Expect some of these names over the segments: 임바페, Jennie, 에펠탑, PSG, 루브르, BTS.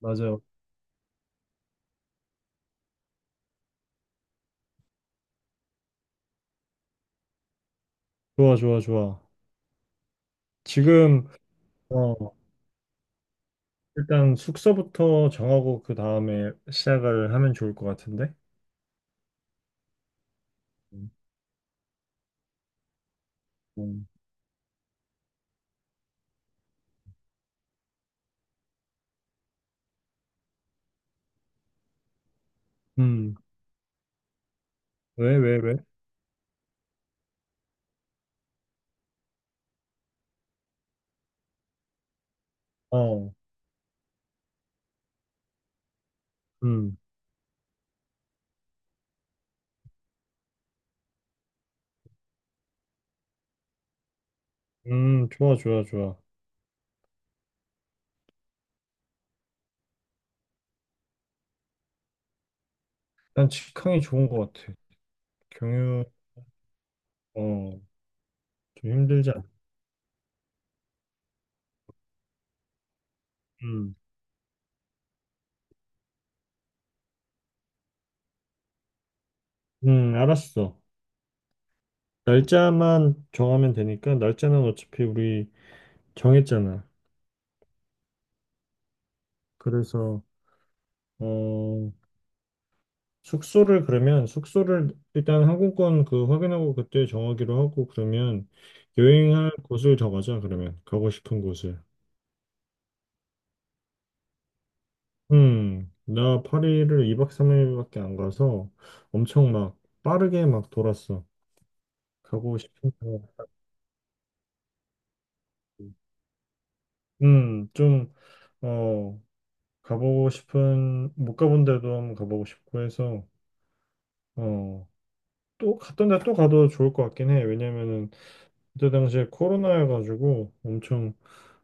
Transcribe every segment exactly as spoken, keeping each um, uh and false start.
맞아요. 좋아, 좋아, 좋아. 지금, 어, 일단 숙소부터 정하고 그 다음에 시작을 하면 좋을 것 같은데? 음, 음. 음, 왜, 왜, 왜? 어, 음, 음, 좋아, 좋아, 좋아. 난 직항이 좋은 것 같아. 경유, 어, 좀 힘들지 않아? 음, 음, 알았어. 날짜만 정하면 되니까, 날짜는 어차피 우리 정했잖아. 그래서, 어, 숙소를 그러면 숙소를 일단 항공권 그 확인하고 그때 정하기로 하고 그러면 여행할 곳을 정하자. 그러면 가고 싶은 곳을. 음, 나 파리를 이 박 삼 일밖에 안 가서 엄청 막 빠르게 막 돌았어. 가고 싶은 곳. 음, 좀, 어, 가보고 싶은, 못 가본 데도 한번 가보고 싶고 해서, 어, 또 갔던 데 또 가도 좋을 것 같긴 해. 왜냐면은, 그때 당시에 코로나여가지고 엄청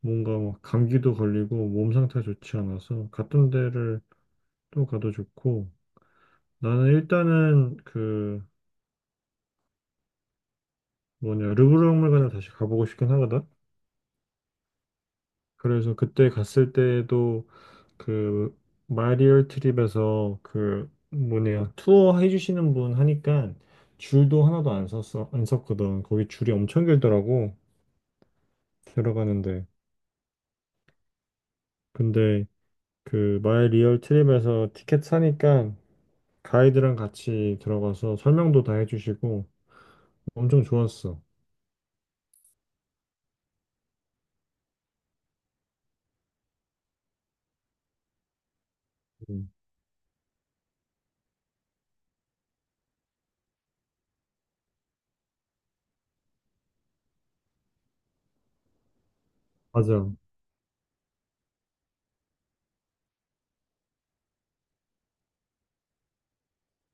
뭔가 막 감기도 걸리고 몸 상태가 좋지 않아서 갔던 데를 또 가도 좋고, 나는 일단은 그 뭐냐, 르브르 박물관을 다시 가보고 싶긴 하거든. 그래서 그때 갔을 때도 그 마리얼 트립에서 그 뭐냐, 투어 해주시는 분 하니까 줄도 하나도 안 섰어, 안 섰거든. 거기 줄이 엄청 길더라고, 들어가는데. 근데 그 마리얼 트립에서 티켓 사니까 가이드랑 같이 들어가서 설명도 다 해주시고 엄청 좋았어. 음, 맞아.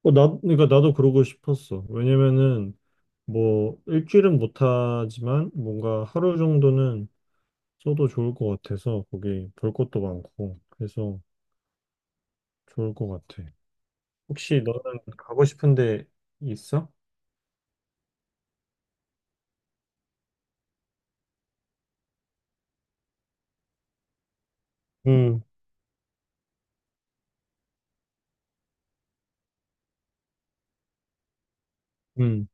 어, 나, 그러니까 나도 그러고 싶었어. 왜냐면은 뭐 일주일은 못하지만 뭔가 하루 정도는 써도 좋을 것 같아서, 거기 볼 것도 많고 그래서 좋을 것 같아. 혹시 너는 가고 싶은데 있어? 응, 응,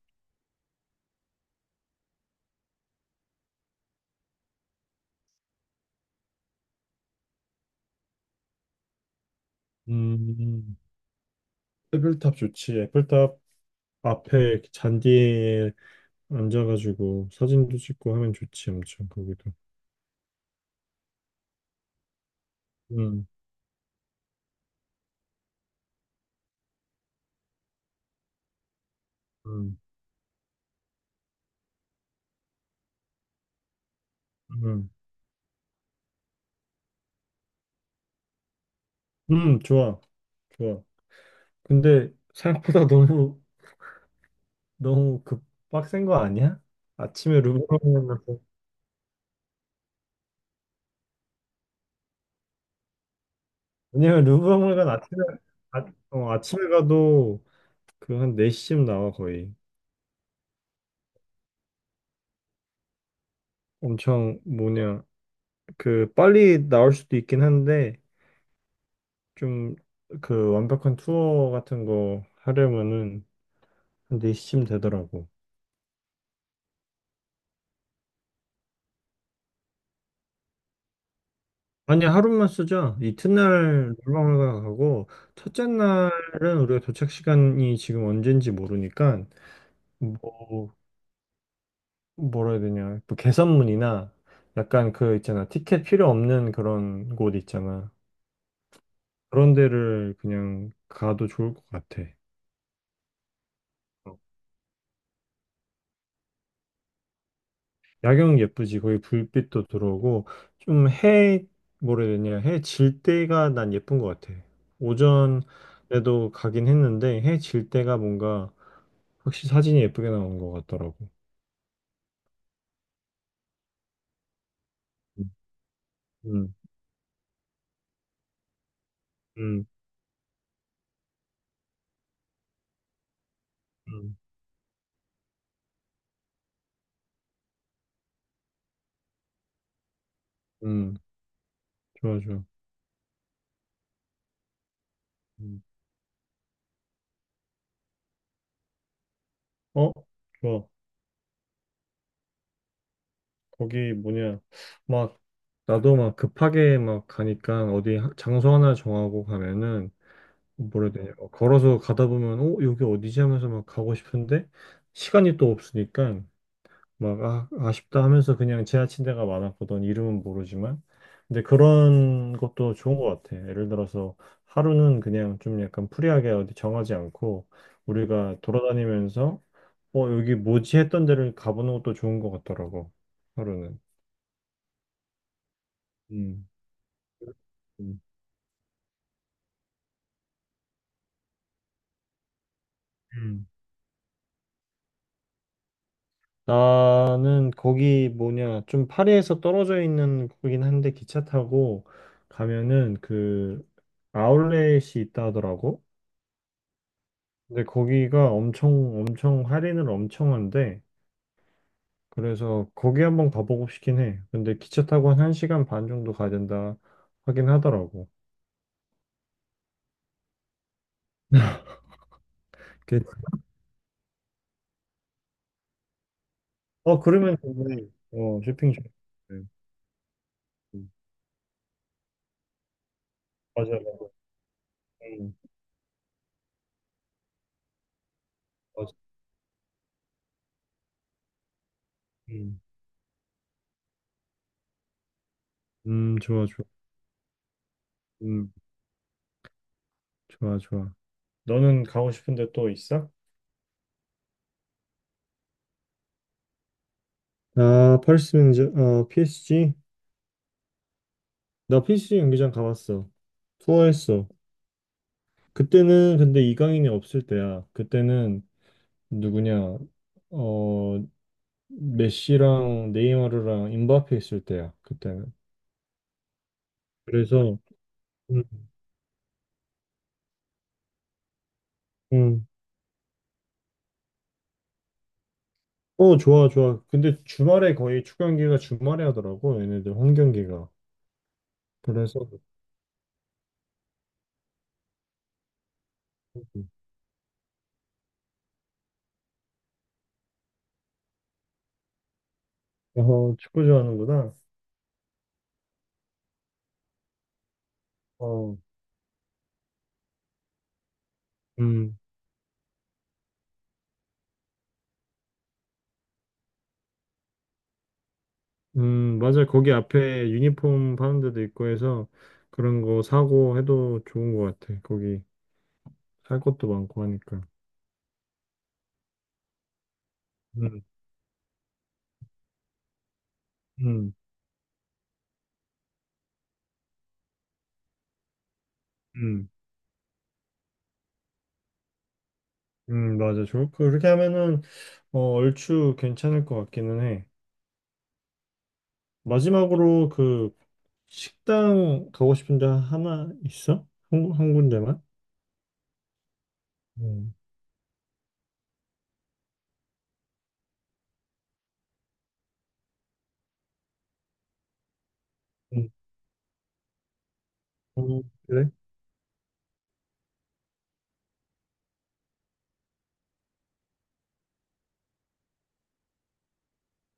음. 에펠탑 좋지. 에펠탑 앞에 잔디에 앉아가지고 사진도 찍고 하면 좋지, 엄청 거기도. 음, 음, 음, 음, 좋아, 좋아. 근데 생각보다 너무, 너무 급 빡센 거 아니야? 아침에 루브르 가서, 왜냐면 루브르 관 아침에, 아, 어, 아침에 가도 그 한 네 시쯤 나와, 거의. 엄청, 뭐냐, 그, 빨리 나올 수도 있긴 한데, 좀, 그 완벽한 투어 같은 거 하려면은 한 네 시쯤 되더라고. 아니, 하루만 쓰죠. 이튿날 놀러가 가고, 첫째 날은 우리가 도착 시간이 지금 언젠지 모르니까, 뭐, 뭐라 해야 되냐. 뭐 개선문이나 약간 그 있잖아, 티켓 필요 없는 그런 곳 있잖아. 그런 데를 그냥 가도 좋을 것 같아. 어. 야경 예쁘지. 거기 불빛도 들어오고, 좀 해, 뭐라 해야 되냐, 해 질 때가 난 예쁜 것 같아. 오전에도 가긴 했는데, 해 질 때가 뭔가, 확실히 사진이 예쁘게 나온 것 같더라고. 음, 음, 음, 음, 음. 좋아, 좋아. 음, 어? 좋아. 거기 뭐냐. 막, 나도 막 급하게 막 가니까 어디 하- 장소 하나 정하고 가면은, 뭐라 해야 되냐, 어, 걸어서 가다 보면, 어, 여기 어디지 하면서 막 가고 싶은데 시간이 또 없으니까 막 아, 아쉽다 하면서 그냥 지나친 데가 많았거든, 이름은 모르지만. 근데 그런 것도 좋은 것 같아. 예를 들어서 하루는 그냥 좀 약간 프리하게 어디 정하지 않고 우리가 돌아다니면서 어, 여기 뭐지 했던 데를 가보는 것도 좋은 것 같더라고, 하루는. 음, 음. 음. 나는 거기 뭐냐, 좀 파리에서 떨어져 있는 거긴 한데 기차 타고 가면은 그 아울렛이 있다 하더라고. 근데 거기가 엄청 엄청 할인을 엄청 한대. 그래서 거기 한번 가보고 싶긴 해. 근데 기차 타고 한 1시간 반 정도 가야 된다 하긴 하더라고. 그- 어, 그러면 좋네. 어, 쇼핑 좋 맞아, 맞아. 음, 맞아. 음. 음, 좋아, 좋아. 음, 좋아, 좋아. 너는 가고 싶은데 또 있어? 아, 펄스 경기장, 어 피에스지. 나 피에스지 경기장 가봤어. 투어했어. 그때는 근데 이강인이 없을 때야. 그때는 누구냐, 어, 메시랑 네이마르랑 임바페 있을 때야, 그때는. 그래서, 음, 음. 어, 좋아, 좋아. 근데 주말에 거의 축구 경기가 주말에 하더라고, 얘네들 홈 경기가. 그래서, 음. 어, 축구 좋아하는구나. 어, 음, 음, 맞아. 거기 앞에 유니폼 파는 데도 있고 해서 그런 거 사고 해도 좋은 것 같아. 거기 살 것도 많고 하니까. 음, 음, 음. 음, 맞아. 좋을 거. 그렇게 하면은 어, 얼추 괜찮을 것 같기는 해. 마지막으로 그 식당 가고 싶은 데 하나 있어? 한, 한 군데만? 음. 음, 음, 그래?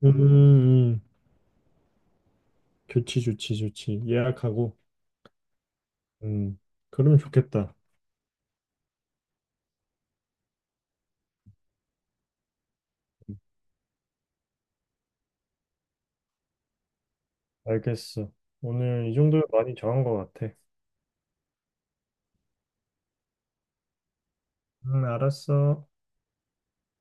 음, 음. 좋지, 좋지, 좋지. 예약하고. 음, 그러면 좋겠다. 알겠어. 오늘 이 정도면 많이 정한 것 같아. 음, 알았어.